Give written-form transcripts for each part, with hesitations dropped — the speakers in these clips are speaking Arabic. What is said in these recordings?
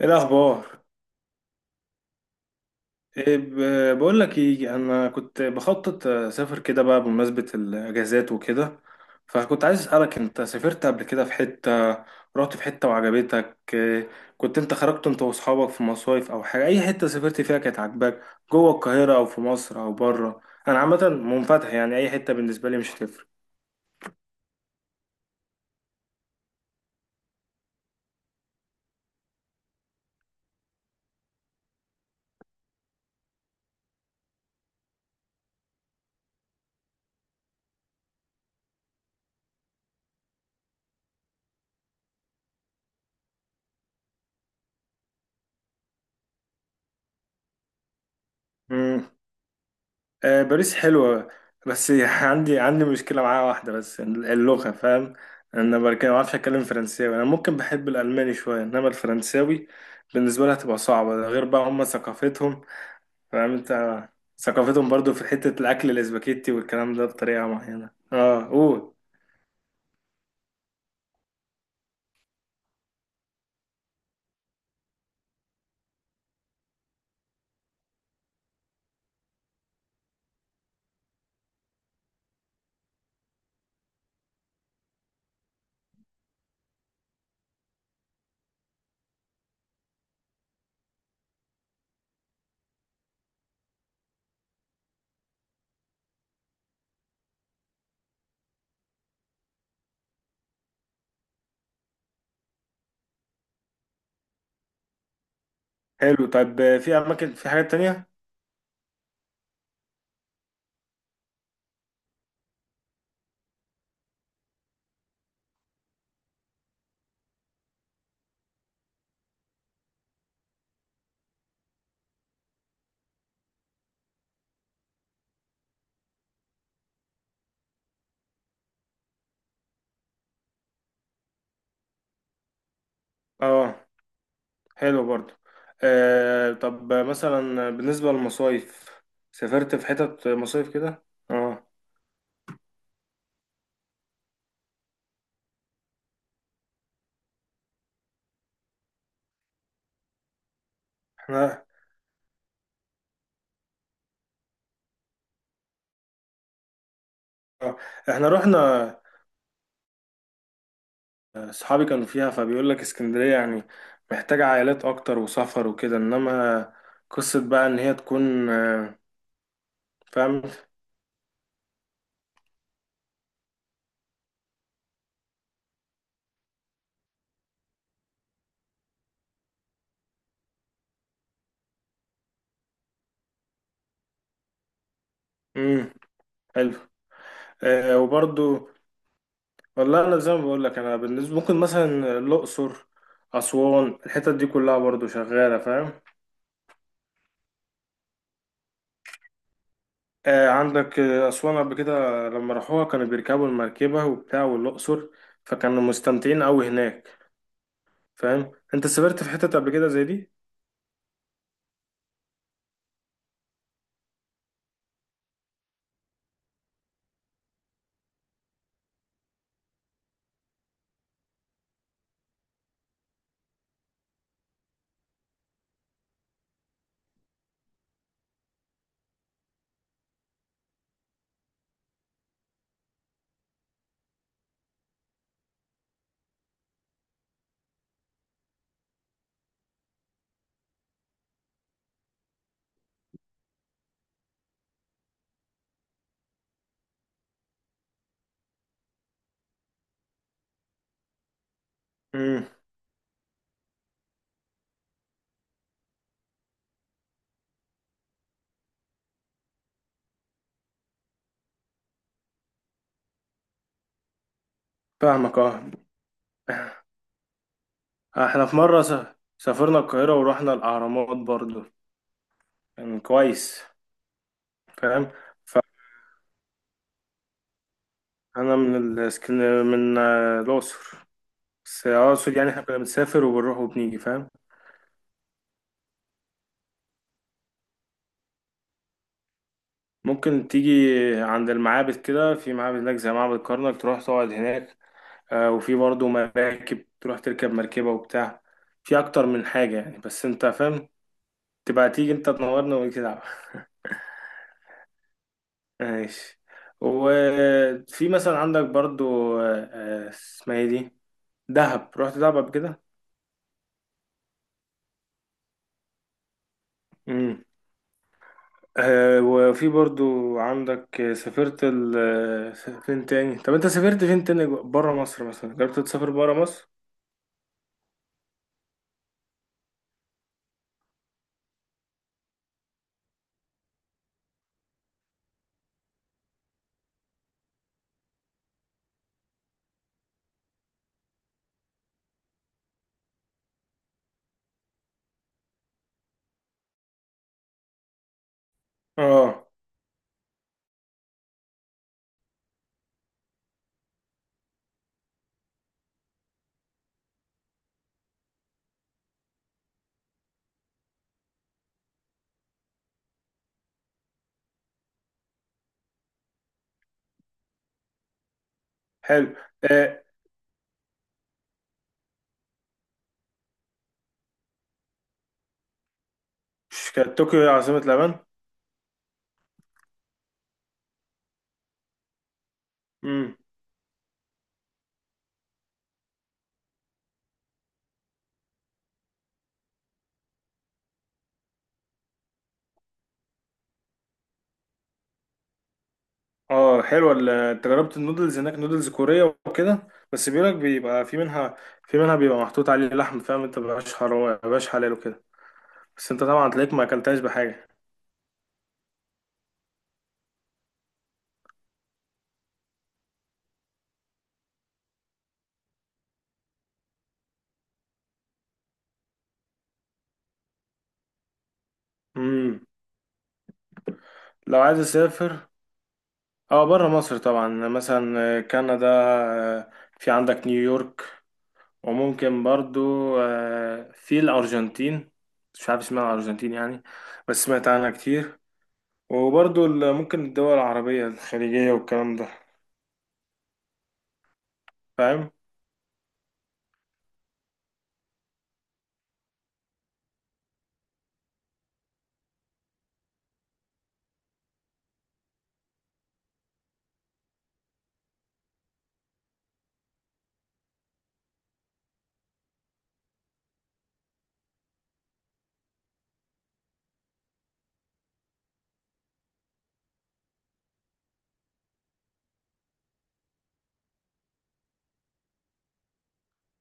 ايه الاخبار؟ بقول لك ايه، انا كنت بخطط اسافر كده بقى بمناسبه الاجازات وكده. فكنت عايز اسالك، انت سافرت قبل كده في حته؟ رحت في حته وعجبتك إيه؟ كنت انت خرجت انت واصحابك في مصايف او حاجه؟ اي حته سافرت فيها كانت عاجباك؟ جوه القاهره او في مصر او بره؟ انا عامه منفتح يعني، اي حته بالنسبه لي مش هتفرق. آه، باريس حلوة. بس عندي مشكلة معاها، واحدة بس، اللغة، فاهم. أنا بركة ما بعرفش أتكلم فرنساوي. أنا ممكن بحب الألماني شوية، إنما الفرنساوي بالنسبة لها تبقى صعبة. ده غير بقى هما ثقافتهم. فاهم أنت. ثقافتهم برضو في حتة الأكل الإسباجيتي والكلام ده بطريقة معينة. أه أوه حلو. طب في أماكن، في حاجات تانية؟ أه، حلو برضو. آه، طب مثلا بالنسبة للمصايف، سافرت في حتت مصايف كده؟ أه. آه، احنا رحنا. صحابي كانوا فيها، فبيقول لك اسكندرية يعني محتاجة عائلات اكتر وسفر وكده، انما قصة بقى ان هي تكون فاهم. امم، حلو. آه، وبرضو والله، انا زي ما بقول لك، انا بالنسبة ممكن مثلا الاقصر، اسوان، الحتت دي كلها برضو شغالة، فاهم. آه، عندك اسوان قبل كده، لما راحوها كانوا بيركبوا المركبة وبتاع، والاقصر، فكانوا مستمتعين قوي هناك. فاهم انت سافرت في حتت قبل كده زي دي؟ امم. فاهمك اه. احنا في مرة سافرنا القاهرة ورحنا الأهرامات برضو، كان كويس، فاهم. فأنا من الاسكن من آه، الأقصر، بس أقصد يعني احنا كنا بنسافر وبنروح وبنيجي، فاهم. ممكن تيجي عند المعابد كده، في معابد هناك زي معبد كرنك تروح تقعد هناك. آه، وفي برضو مراكب تروح تركب مركبة وبتاع. في أكتر من حاجة يعني، بس أنت فاهم. تبقى تيجي أنت تنورنا ونيجي نلعب. ماشي. وفي مثلا عندك برضو اسمها ايه دي، دهب. رحت دهب قبل كده؟ امم. آه، وفي برضو عندك سافرت ال... آه، فين تاني؟ طب انت سافرت فين تاني بره مصر؟ مثلا جربت تسافر بره مصر؟ اه، حلو. آه، مش كانت طوكيو هي عاصمة اليابان؟ امم. اه، حلوة انت جربت النودلز هناك؟ نودلز كورية وكده، بس بيقولك بيبقى في منها، في منها بيبقى محطوط عليه لحم، فاهم انت، مبقاش حرام، مبقاش حلال وكده. بس انت طبعا تلاقيك ما اكلتهاش بحاجه. امم. لو عايز اسافر، اه بره مصر طبعا، مثلا آه، كندا، في عندك نيويورك. وممكن برضو آه، في الارجنتين. مش عارف اسمها الارجنتين يعني، بس سمعت عنها كتير. وبرضو ممكن الدول العربيه الخليجيه والكلام ده، فاهم.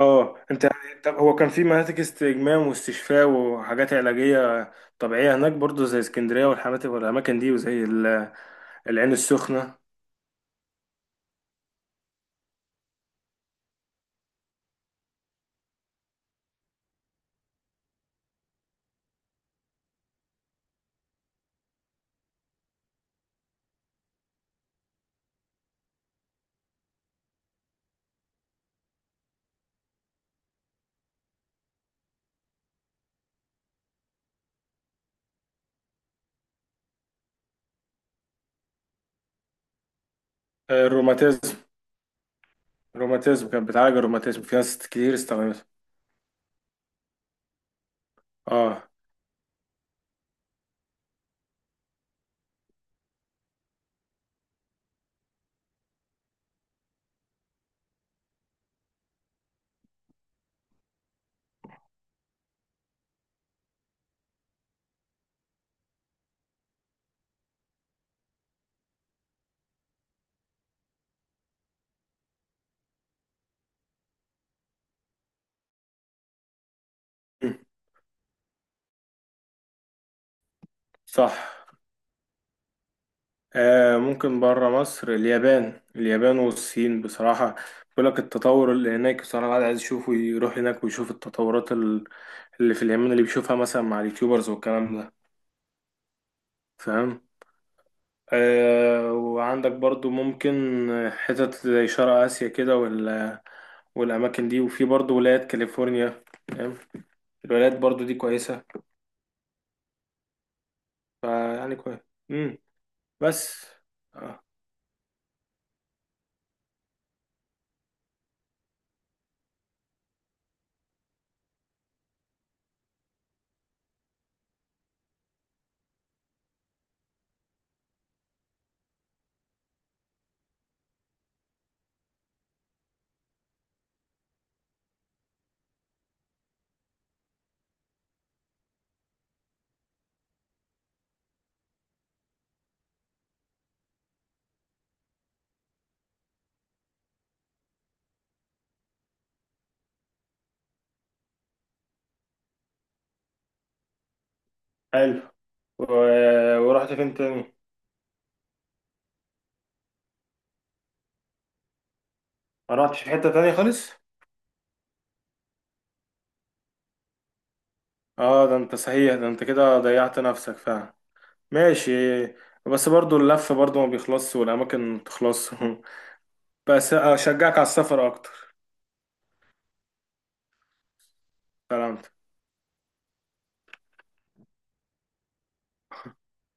اه، انت يعني، طب هو كان في مناطق استجمام واستشفاء وحاجات علاجيه طبيعيه هناك برضو، زي اسكندريه والحاجات والاماكن دي، العين السخنه. آه، الروماتيزم، الروماتيزم كانت بتعالج الروماتيزم، في ناس كتير استخدمتها. اه. م. صح. آه ممكن بره مصر، اليابان، اليابان والصين بصراحة. بيقول لك التطور اللي هناك بصراحة، الواحد عايز يشوفه، يروح هناك ويشوف التطورات اللي في اليمن، اللي بيشوفها مثلا مع اليوتيوبرز والكلام ده، فاهم. آه، وعندك برضو ممكن حتت زي شرق آسيا كده، والأماكن دي. وفي برضو ولايات كاليفورنيا، فاهم. الولايات برضو دي كويسة، فيعني كويس. بس آه. حلو و... ورحت فين تاني؟ ما رحتش في حتة تانية خالص؟ اه، ده انت صحيح، ده انت كده ضيعت نفسك فعلا. ماشي. بس برضو اللف برضو ما بيخلصش والاماكن ما بتخلصش بس اشجعك على السفر اكتر. سلام.